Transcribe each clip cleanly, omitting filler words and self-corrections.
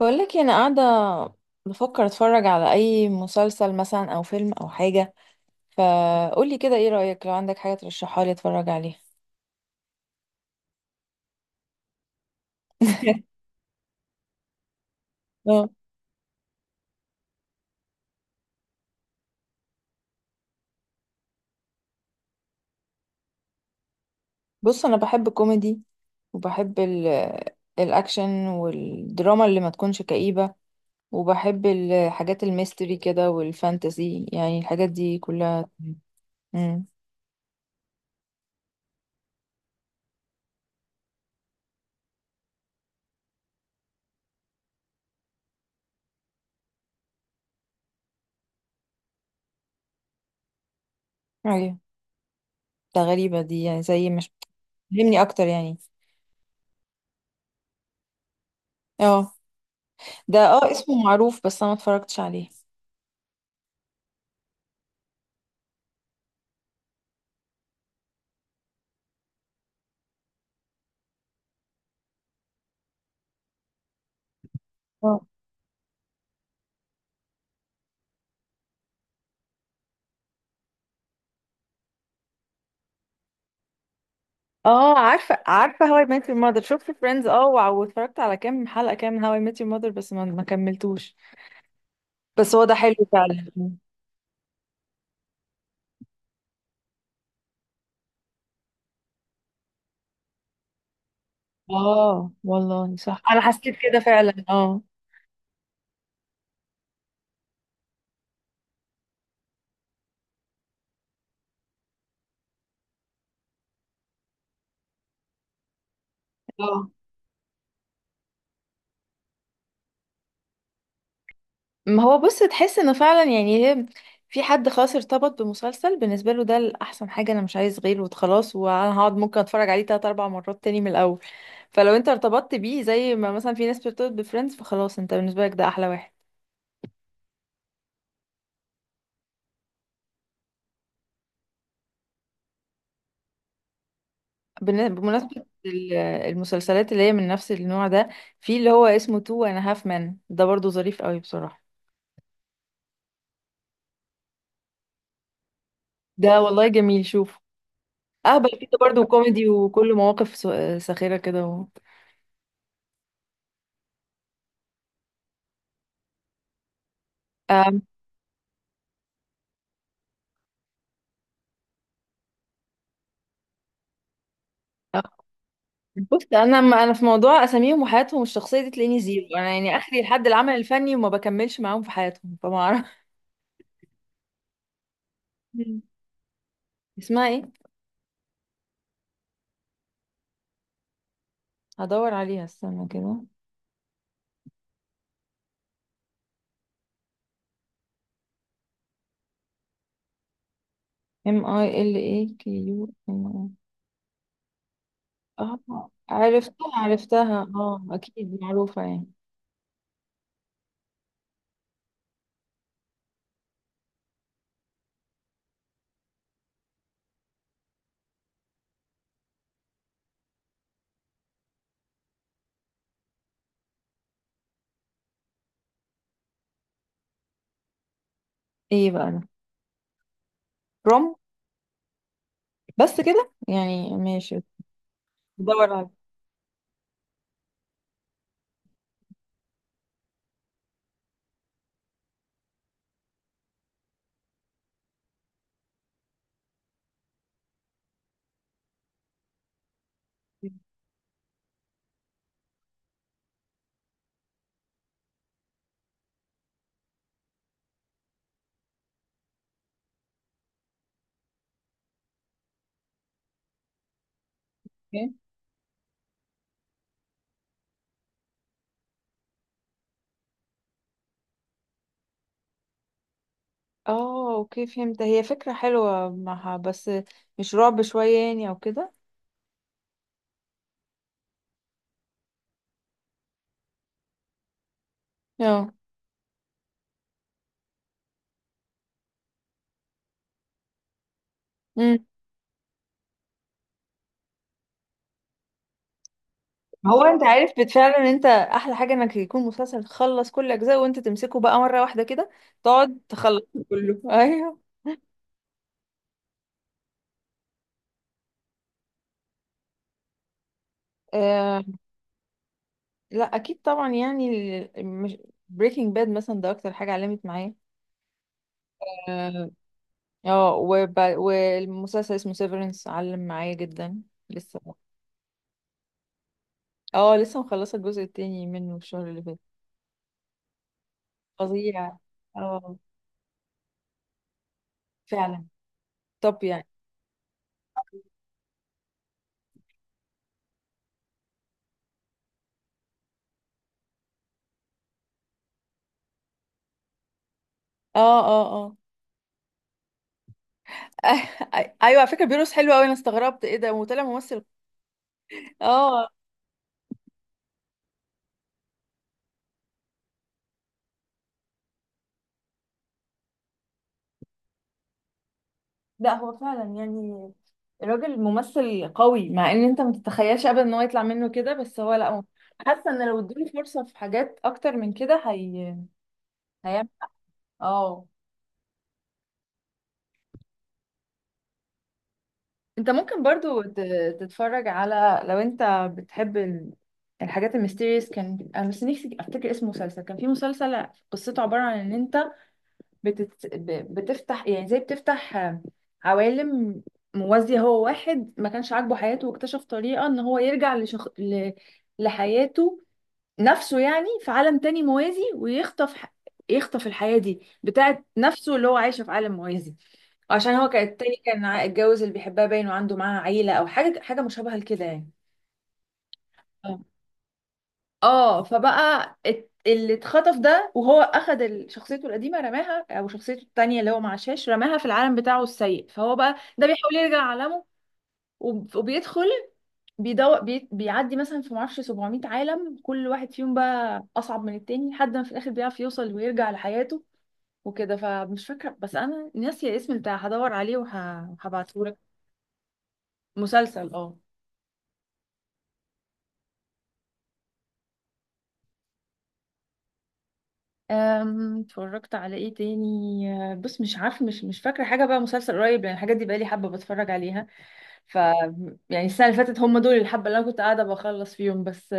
بقولك إيه، انا قاعده بفكر اتفرج على اي مسلسل مثلا او فيلم او حاجه. فقولي كده، ايه رايك لو عندك حاجه ترشحها لي اتفرج عليها؟ اه. بص انا بحب الكوميدي، وبحب الاكشن والدراما اللي ما تكونش كئيبه، وبحب الحاجات الميستري كده والفانتزي، يعني الحاجات دي كلها. امم ايوه، ده غريبه دي، يعني زي مش... فهمني اكتر يعني. اه، ده اسمه معروف بس انا ما اتفرجتش عليه. اه عارفه عارفه هاو اي ميت يور ماذر، شفت فريندز. اه، واتفرجت على كام حلقه، كام من هاو اي ميت يور ماذر بس ما كملتوش. بس هو ده حلو فعلا. اه والله صح، انا حسيت كده فعلا، اه. اه، ما هو بص تحس انه فعلا يعني هي في حد خلاص ارتبط بمسلسل، بالنسبه له ده الاحسن حاجه، انا مش عايز غيره وخلاص، وانا هقعد ممكن اتفرج عليه تلات اربع مرات تاني من الاول. فلو انت ارتبطت بيه زي ما مثلا في ناس بترتبط بفريندز، فخلاص انت بالنسبه لك ده احلى واحد. بمناسبة المسلسلات اللي هي من نفس النوع ده، في اللي هو اسمه تو انا هاف مان، ده برضو ظريف قوي بصراحة. ده والله جميل. شوف اهبل فيه! ده برضو كوميدي وكله مواقف ساخرة كده و... آم، آه، بص انا في موضوع اساميهم وحياتهم الشخصية دي تلاقيني زيرو، انا يعني اخري لحد العمل الفني وما بكملش معاهم في حياتهم فما اعرف. مم. اسمها ايه؟ هدور عليها استنى كده. ام اي ال اي كيو ام. اه عرفتها عرفتها، اه اكيد معروفة يعني. ايه بقى ده؟ بروم. بس كده يعني، ماشي. بدور على. اوكي. اه اوكي فهمت، هي فكرة حلوة معها بس مش رعب شوية يعني او كده؟ اه. امم هو انت عارف فعلا ان انت احلى حاجة انك يكون مسلسل تخلص كل اجزاء وانت تمسكه بقى مرة واحدة كده، تقعد تخلص كله. ايوه. آه لا اكيد طبعا يعني، مش بريكنج باد مثلا ده اكتر حاجة علمت معايا. اه، والمسلسل اسمه سيفرنس علم معايا جدا، لسه. اه، لسه مخلصة الجزء التاني منه الشهر اللي فات. فظيع. اه، فعلا. طب يعني... اه اه اه. ايوه، على فكرة بيروس حلو قوي، انا استغربت ايه ده! وطلع ممثل. اه. لا هو فعلا يعني الراجل ممثل قوي، مع ان انت ما تتخيلش ابدا ان هو يطلع منه كده، بس هو لا هو- حاسه ان لو اديله فرصه في حاجات اكتر من كده هي هيعمل. اه. انت ممكن برضو تتفرج على، لو انت بتحب الحاجات الميستيريس. كان انا بس نفسي افتكر اسم مسلسل، كان في مسلسل قصته عبارة عن ان انت بتفتح يعني زي بتفتح عوالم موازية. هو واحد ما كانش عاجبه حياته واكتشف طريقة ان هو يرجع لحياته نفسه يعني في عالم تاني موازي، ويخطف يخطف الحياة دي بتاعت نفسه اللي هو عايشه في عالم موازي. عشان هو كان التاني كان اتجوز اللي بيحبها باين وعنده معاها عيلة او حاجة، حاجة مشابهة لكده يعني. اه اه. فبقى اللي اتخطف ده وهو اخد شخصيته القديمه رماها، او شخصيته التانية اللي هو مع شاش رماها في العالم بتاعه السيء، فهو بقى ده بيحاول يرجع عالمه وبيدخل، بيدور بيعدي مثلا في معرفش 700 عالم، كل واحد فيهم بقى أصعب من التاني لحد ما في الآخر بيعرف يوصل ويرجع لحياته وكده. فمش فاكرة، بس أنا ناسية اسم بتاع، هدور عليه وهبعتهولك. مسلسل اه. اتفرجت على ايه تاني؟ بص مش عارفة، مش مش فاكرة حاجة بقى مسلسل قريب، لأن الحاجات دي بقالي حبة بتفرج عليها، ف يعني السنة اللي فاتت هم دول الحبة اللي أنا كنت قاعدة بخلص فيهم بس.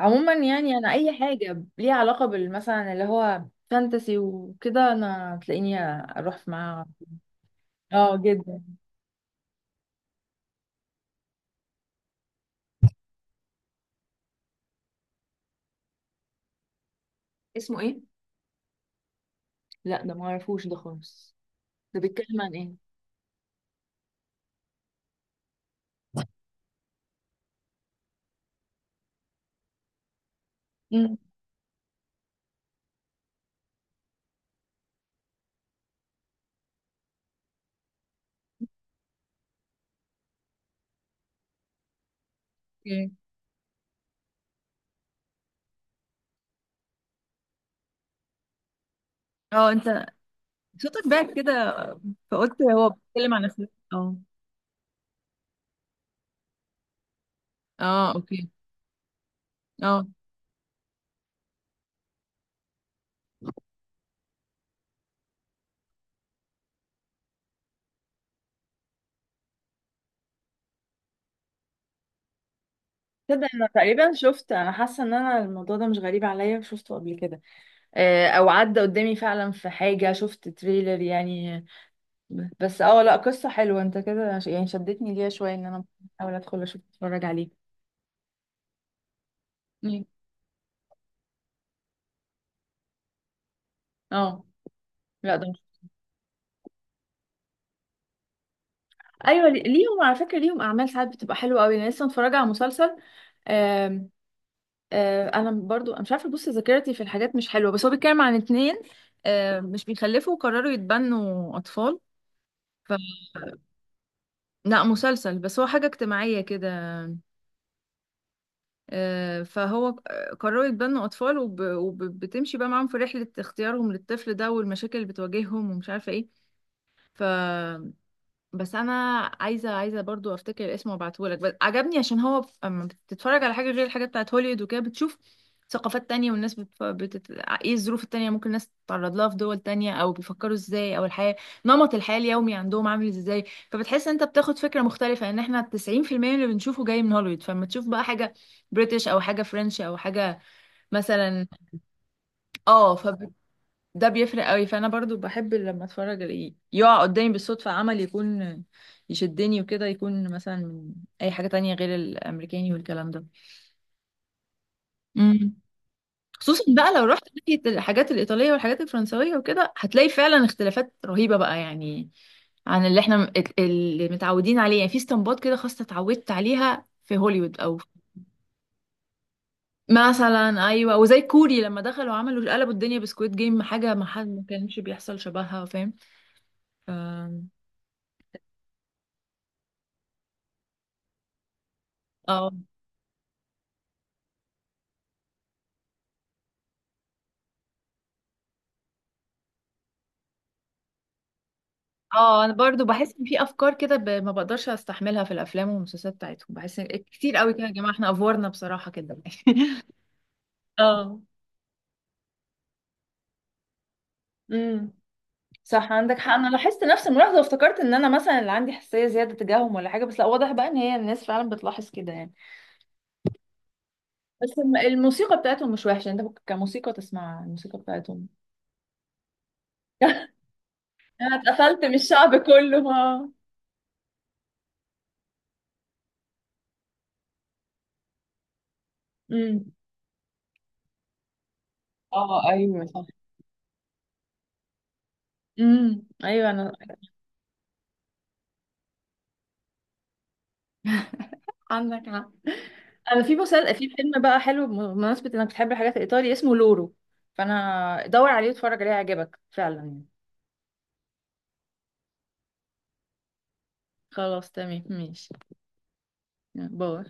عموما يعني انا اي حاجه ليها علاقه بالمثلا اللي هو فانتسي وكده انا تلاقيني اروح معاها. اه جدا. اسمه ايه؟ لا ده ما اعرفوش ده خالص، ده بيتكلم عن ايه؟ مم. اوكي. اه انت صوتك باك كده، فقلت هو بيتكلم عن افلام. اه اه اوكي. اه تصدق انا تقريبا شفت، انا حاسه ان انا الموضوع ده مش غريب عليا شفته قبل كده، او عدى قدامي فعلا في حاجه، شفت تريلر يعني. بس اه لا قصة حلوة، انت كده يعني شدتني ليها شوية ان انا احاول ادخل اشوف اتفرج عليه. مم. اه. لا ده مش- ايوه، ليهم على فكرة ليهم اعمال ساعات بتبقى حلوة قوي، انا لسه متفرجة على مسلسل. آم، انا برضو أنا مش عارفة، بص ذاكرتي في الحاجات مش حلوة، بس هو بيتكلم عن اتنين مش بيخلفوا وقرروا يتبنوا اطفال. ف لا مسلسل، بس هو حاجة اجتماعية كده. فهو قرروا يتبنوا أطفال، وبتمشي بقى معاهم في رحلة اختيارهم للطفل ده والمشاكل اللي بتواجههم ومش عارفة ايه. ف بس انا عايزه برضو افتكر اسمه وابعتهولك، بس عجبني عشان هو اما بتتفرج على حاجه غير الحاجه بتاعت هوليوود وكده بتشوف ثقافات تانية، والناس ايه الظروف التانية ممكن الناس تتعرض لها في دول تانية، او بيفكروا ازاي، او الحياة، نمط الحياة اليومي عندهم عامل ازاي. فبتحس انت بتاخد فكرة مختلفة ان احنا 90% من اللي بنشوفه جاي من هوليوود، فلما تشوف بقى حاجة بريتش او حاجة فرنش او حاجة مثلا. اه ده بيفرق قوي، فانا برضو بحب لما اتفرج الاقيه يقع قدامي بالصدفة عمل، يكون يشدني وكده، يكون مثلا من اي حاجة تانية غير الامريكاني والكلام ده. امم. خصوصا بقى لو رحت ناحية الحاجات الايطالية والحاجات الفرنسوية وكده هتلاقي فعلا اختلافات رهيبة بقى يعني، عن اللي احنا اللي متعودين عليه يعني في استنباط كده، خاصة اتعودت عليها في هوليوود او. مثلا ايوه، وزي كوري لما دخلوا عملوا قلبوا الدنيا بسكويد جيم، حاجة ما حد ما كانش بيحصل شبهها فاهم. ف- اه اه انا برضو بحس ان في افكار كده ما بقدرش استحملها في الافلام والمسلسلات بتاعتهم، بحس إن كتير قوي، كده يا جماعه احنا افورنا بصراحه كده. اه. امم. صح، عندك حق، انا لاحظت نفس الملاحظه وافتكرت ان انا مثلا اللي عندي حساسيه زياده تجاههم ولا حاجه، بس لا، واضح بقى ان هي الناس فعلا بتلاحظ كده يعني. بس الموسيقى بتاعتهم مش وحشه، انت ممكن كموسيقى تسمع الموسيقى بتاعتهم. انا اتقفلت من الشعب كله، اه. امم. اه ايوه صح. ايوه انا. عندك حق. انا في مسل... في فيلم بقى حلو بمناسبة انك بتحب الحاجات الايطالي اسمه لورو، فانا دور عليه واتفرج عليه هيعجبك فعلا يعني. خلاص تمام ماشي. باي.